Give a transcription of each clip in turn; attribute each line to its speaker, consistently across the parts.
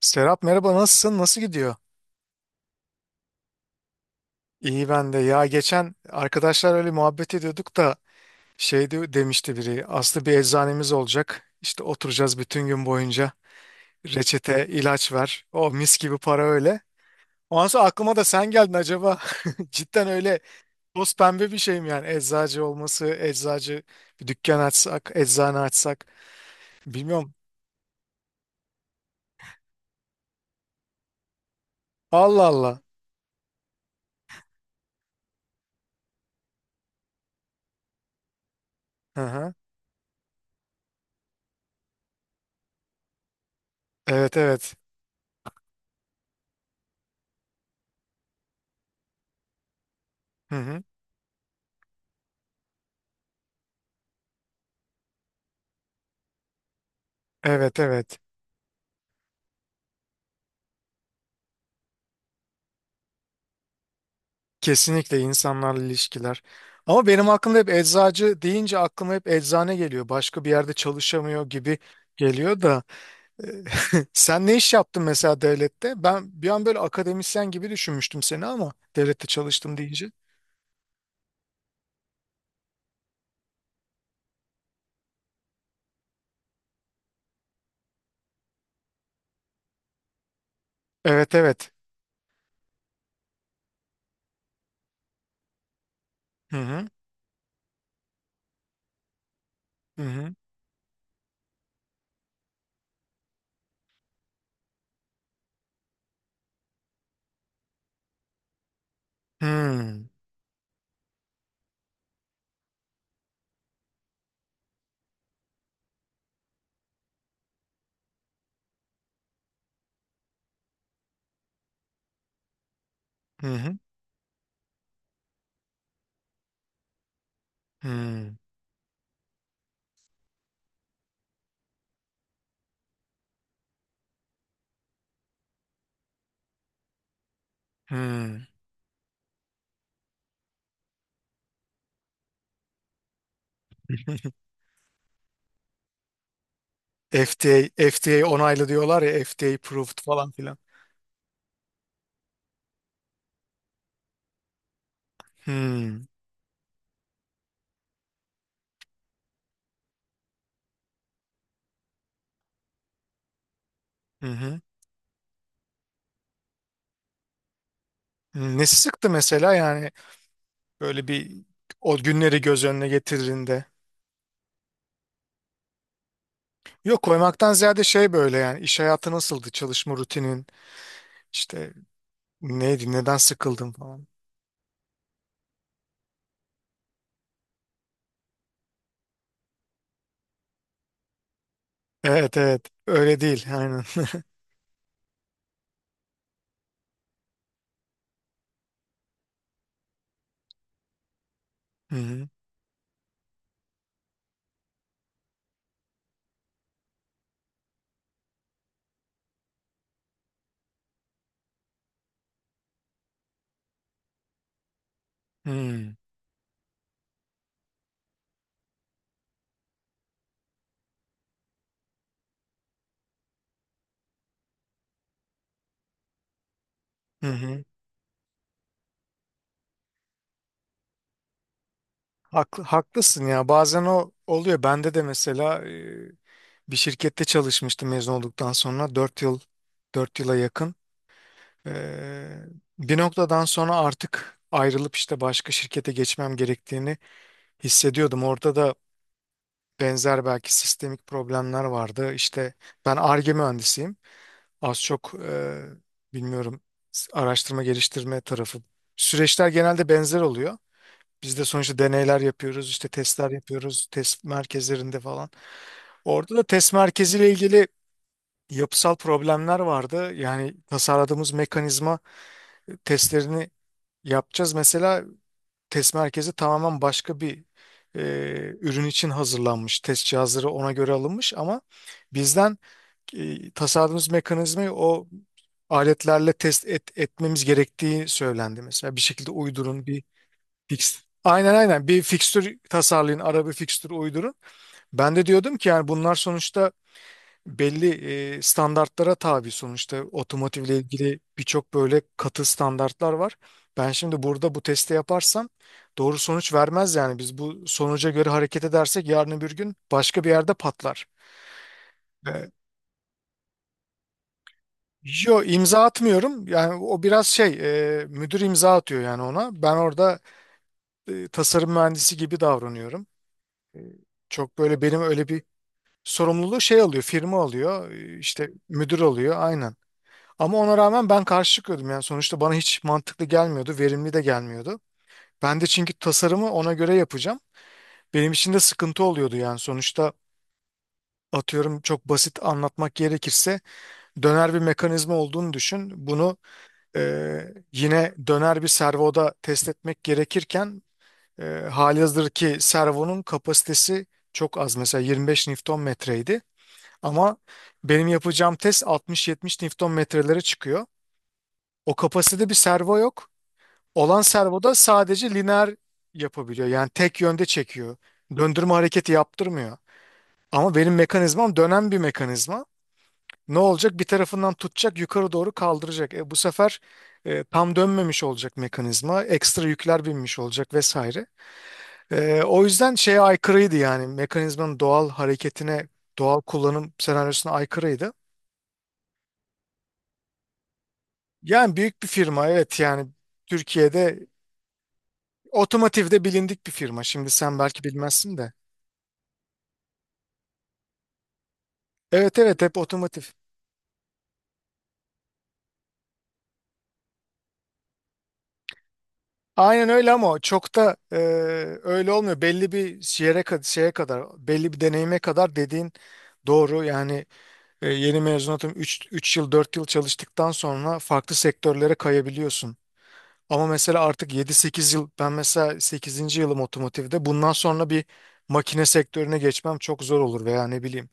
Speaker 1: Serap, merhaba, nasılsın? Nasıl gidiyor? İyi ben de. Ya geçen arkadaşlar öyle muhabbet ediyorduk da demişti biri. Aslı bir eczanemiz olacak. İşte oturacağız bütün gün boyunca. Reçete, ilaç ver. O mis gibi para öyle. Ondan sonra aklıma da sen geldin acaba. Cidden öyle toz pembe bir şey mi yani? Eczacı olması, eczacı bir dükkan açsak, eczane açsak. Bilmiyorum. Allah Allah. Hı hı. Evet evet. Hı hı. Evet evet. Kesinlikle insanlarla ilişkiler. Ama benim aklımda hep eczacı deyince aklıma hep eczane geliyor. Başka bir yerde çalışamıyor gibi geliyor da. Sen ne iş yaptın mesela devlette? Ben bir an böyle akademisyen gibi düşünmüştüm seni, ama devlette çalıştım deyince. Evet evet. Hı hı. Hı hı. Hı hı. Hı hı. FDA, FDA onaylı diyorlar ya, FDA approved falan filan. Hı hı. Nesi sıktı mesela, yani böyle bir, o günleri göz önüne getirdiğinde. Yok, koymaktan ziyade şey, böyle yani iş hayatı nasıldı, çalışma rutinin işte neydi, neden sıkıldım falan. Evet evet, öyle değil, aynen. Hı hı. Hı hı. Haklı, haklısın ya, bazen o oluyor bende de mesela, bir şirkette çalışmıştım mezun olduktan sonra 4 yıl, 4 yıla yakın. E, Bir noktadan sonra artık ayrılıp işte başka şirkete geçmem gerektiğini hissediyordum. Orada da benzer belki sistemik problemler vardı. İşte ben Ar-Ge mühendisiyim. Az çok bilmiyorum, araştırma geliştirme tarafı. Süreçler genelde benzer oluyor. Biz de sonuçta deneyler yapıyoruz, işte testler yapıyoruz, test merkezlerinde falan. Orada da test merkeziyle ilgili yapısal problemler vardı. Yani tasarladığımız mekanizma, testlerini yapacağız. Mesela test merkezi tamamen başka bir e, ürün için hazırlanmış. Test cihazları ona göre alınmış, ama bizden tasarladığımız mekanizmayı o aletlerle etmemiz gerektiği söylendi mesela. Bir şekilde uydurun bir fix. Aynen aynen, bir fikstür tasarlayın, araba bir fikstür uydurun. Ben de diyordum ki yani bunlar sonuçta belli standartlara tabi, sonuçta otomotivle ilgili birçok böyle katı standartlar var. Ben şimdi burada bu testi yaparsam doğru sonuç vermez, yani biz bu sonuca göre hareket edersek yarın öbür gün başka bir yerde patlar. Ve yo, imza atmıyorum, yani o biraz şey, müdür imza atıyor, yani ona ben orada tasarım mühendisi gibi davranıyorum. E, Çok böyle benim öyle bir sorumluluğu şey alıyor, firma alıyor, işte müdür alıyor aynen. Ama ona rağmen ben karşı çıkıyordum, yani sonuçta bana hiç mantıklı gelmiyordu, verimli de gelmiyordu. Ben de çünkü tasarımı ona göre yapacağım. Benim için de sıkıntı oluyordu, yani sonuçta atıyorum, çok basit anlatmak gerekirse döner bir mekanizma olduğunu düşün. Bunu e, yine döner bir servoda test etmek gerekirken e, halihazır ki servonun kapasitesi çok az, mesela 25 Newton metreydi. Ama benim yapacağım test 60-70 Newton metrelere çıkıyor. O kapasitede bir servo yok. Olan servoda sadece lineer yapabiliyor. Yani tek yönde çekiyor. Döndürme hareketi yaptırmıyor. Ama benim mekanizmam dönen bir mekanizma. Ne olacak? Bir tarafından tutacak, yukarı doğru kaldıracak. Bu sefer tam dönmemiş olacak mekanizma. Ekstra yükler binmiş olacak vesaire. O yüzden şeye aykırıydı yani. Mekanizmanın doğal hareketine, doğal kullanım senaryosuna aykırıydı. Yani büyük bir firma, evet yani Türkiye'de otomotivde bilindik bir firma. Şimdi sen belki bilmezsin de. Evet evet, hep otomotiv. Aynen öyle, ama o çok da öyle olmuyor. Belli bir yere kadar, şeye kadar, belli bir deneyime kadar dediğin doğru. Yani yeni mezunatım, 3 yıl, 4 yıl çalıştıktan sonra farklı sektörlere kayabiliyorsun. Ama mesela artık yedi sekiz yıl, ben mesela sekizinci yılım otomotivde. Bundan sonra bir makine sektörüne geçmem çok zor olur veya ne bileyim.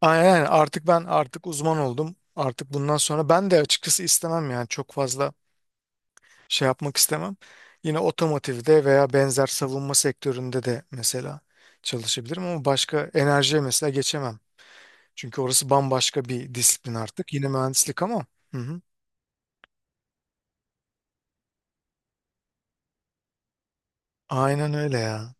Speaker 1: Aynen, artık uzman oldum. Artık bundan sonra ben de açıkçası istemem yani, çok fazla şey yapmak istemem. Yine otomotivde veya benzer savunma sektöründe de mesela çalışabilirim, ama başka enerjiye mesela geçemem. Çünkü orası bambaşka bir disiplin artık. Yine mühendislik ama. Hı hı. Aynen öyle ya.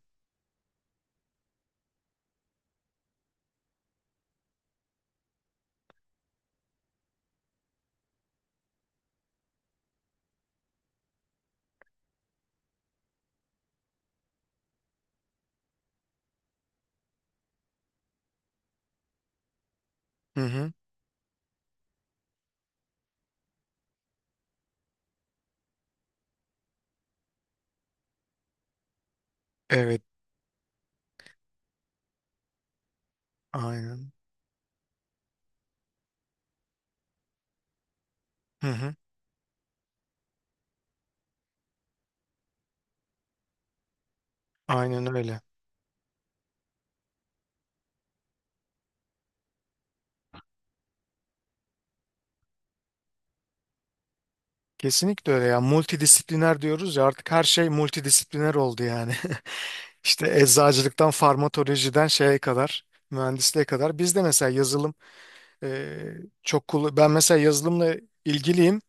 Speaker 1: Hı hı. Evet, aynen. Hı hı. Aynen öyle. Kesinlikle öyle ya. Multidisipliner diyoruz ya, artık her şey multidisipliner oldu yani. İşte eczacılıktan, farmatolojiden şeye kadar, mühendisliğe kadar. Biz de mesela yazılım, Ee, çok kullan, ben mesela yazılımla ilgiliyim.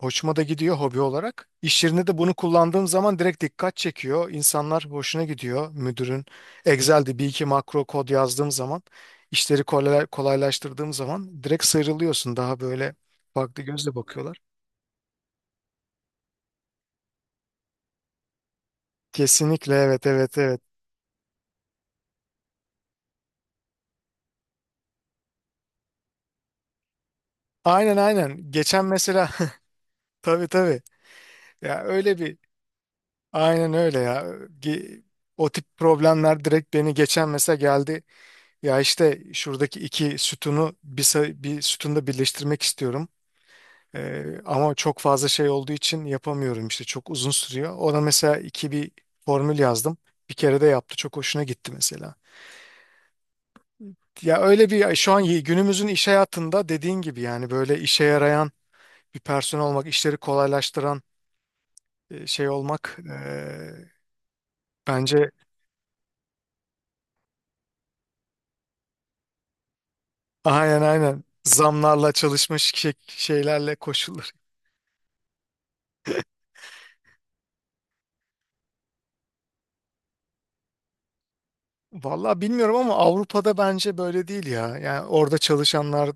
Speaker 1: Hoşuma da gidiyor hobi olarak. İş yerinde de bunu kullandığım zaman direkt dikkat çekiyor. İnsanlar hoşuna gidiyor. Müdürün Excel'de bir iki makro kod yazdığım zaman, işleri kolaylaştırdığım zaman direkt sıyrılıyorsun. Daha böyle farklı gözle bakıyorlar. Kesinlikle, evet evet evet. Aynen aynen. Geçen mesela tabii tabii. Ya öyle bir, aynen öyle ya. Ge- O tip problemler direkt beni geçen mesela geldi. Ya işte şuradaki iki sütunu bir, bir sütunda birleştirmek istiyorum. Ama çok fazla şey olduğu için yapamıyorum işte, çok uzun sürüyor. Ona mesela iki bir formül yazdım. Bir kere de yaptı, çok hoşuna gitti mesela. Ya öyle bir şu an, günümüzün iş hayatında dediğin gibi yani, böyle işe yarayan bir personel olmak, işleri kolaylaştıran şey olmak, bence aynen aynen, zamlarla çalışmış şeylerle. Vallahi bilmiyorum ama Avrupa'da bence böyle değil ya. Yani orada çalışanlar,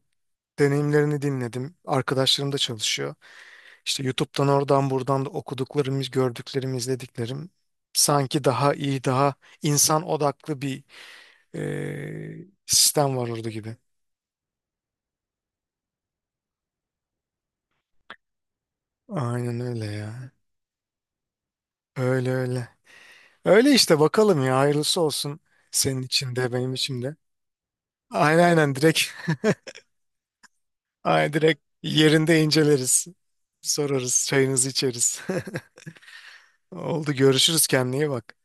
Speaker 1: deneyimlerini dinledim. Arkadaşlarım da çalışıyor. İşte YouTube'dan, oradan buradan da okuduklarım, gördüklerim, izlediklerim, sanki daha iyi, daha insan odaklı bir sistem var orada gibi. Aynen öyle ya. Öyle öyle. Öyle işte, bakalım ya, hayırlısı olsun, senin için de benim için de. Aynen aynen direkt, aynen direkt yerinde inceleriz. Sorarız, çayınızı içeriz. Oldu, görüşürüz, kendine iyi bak.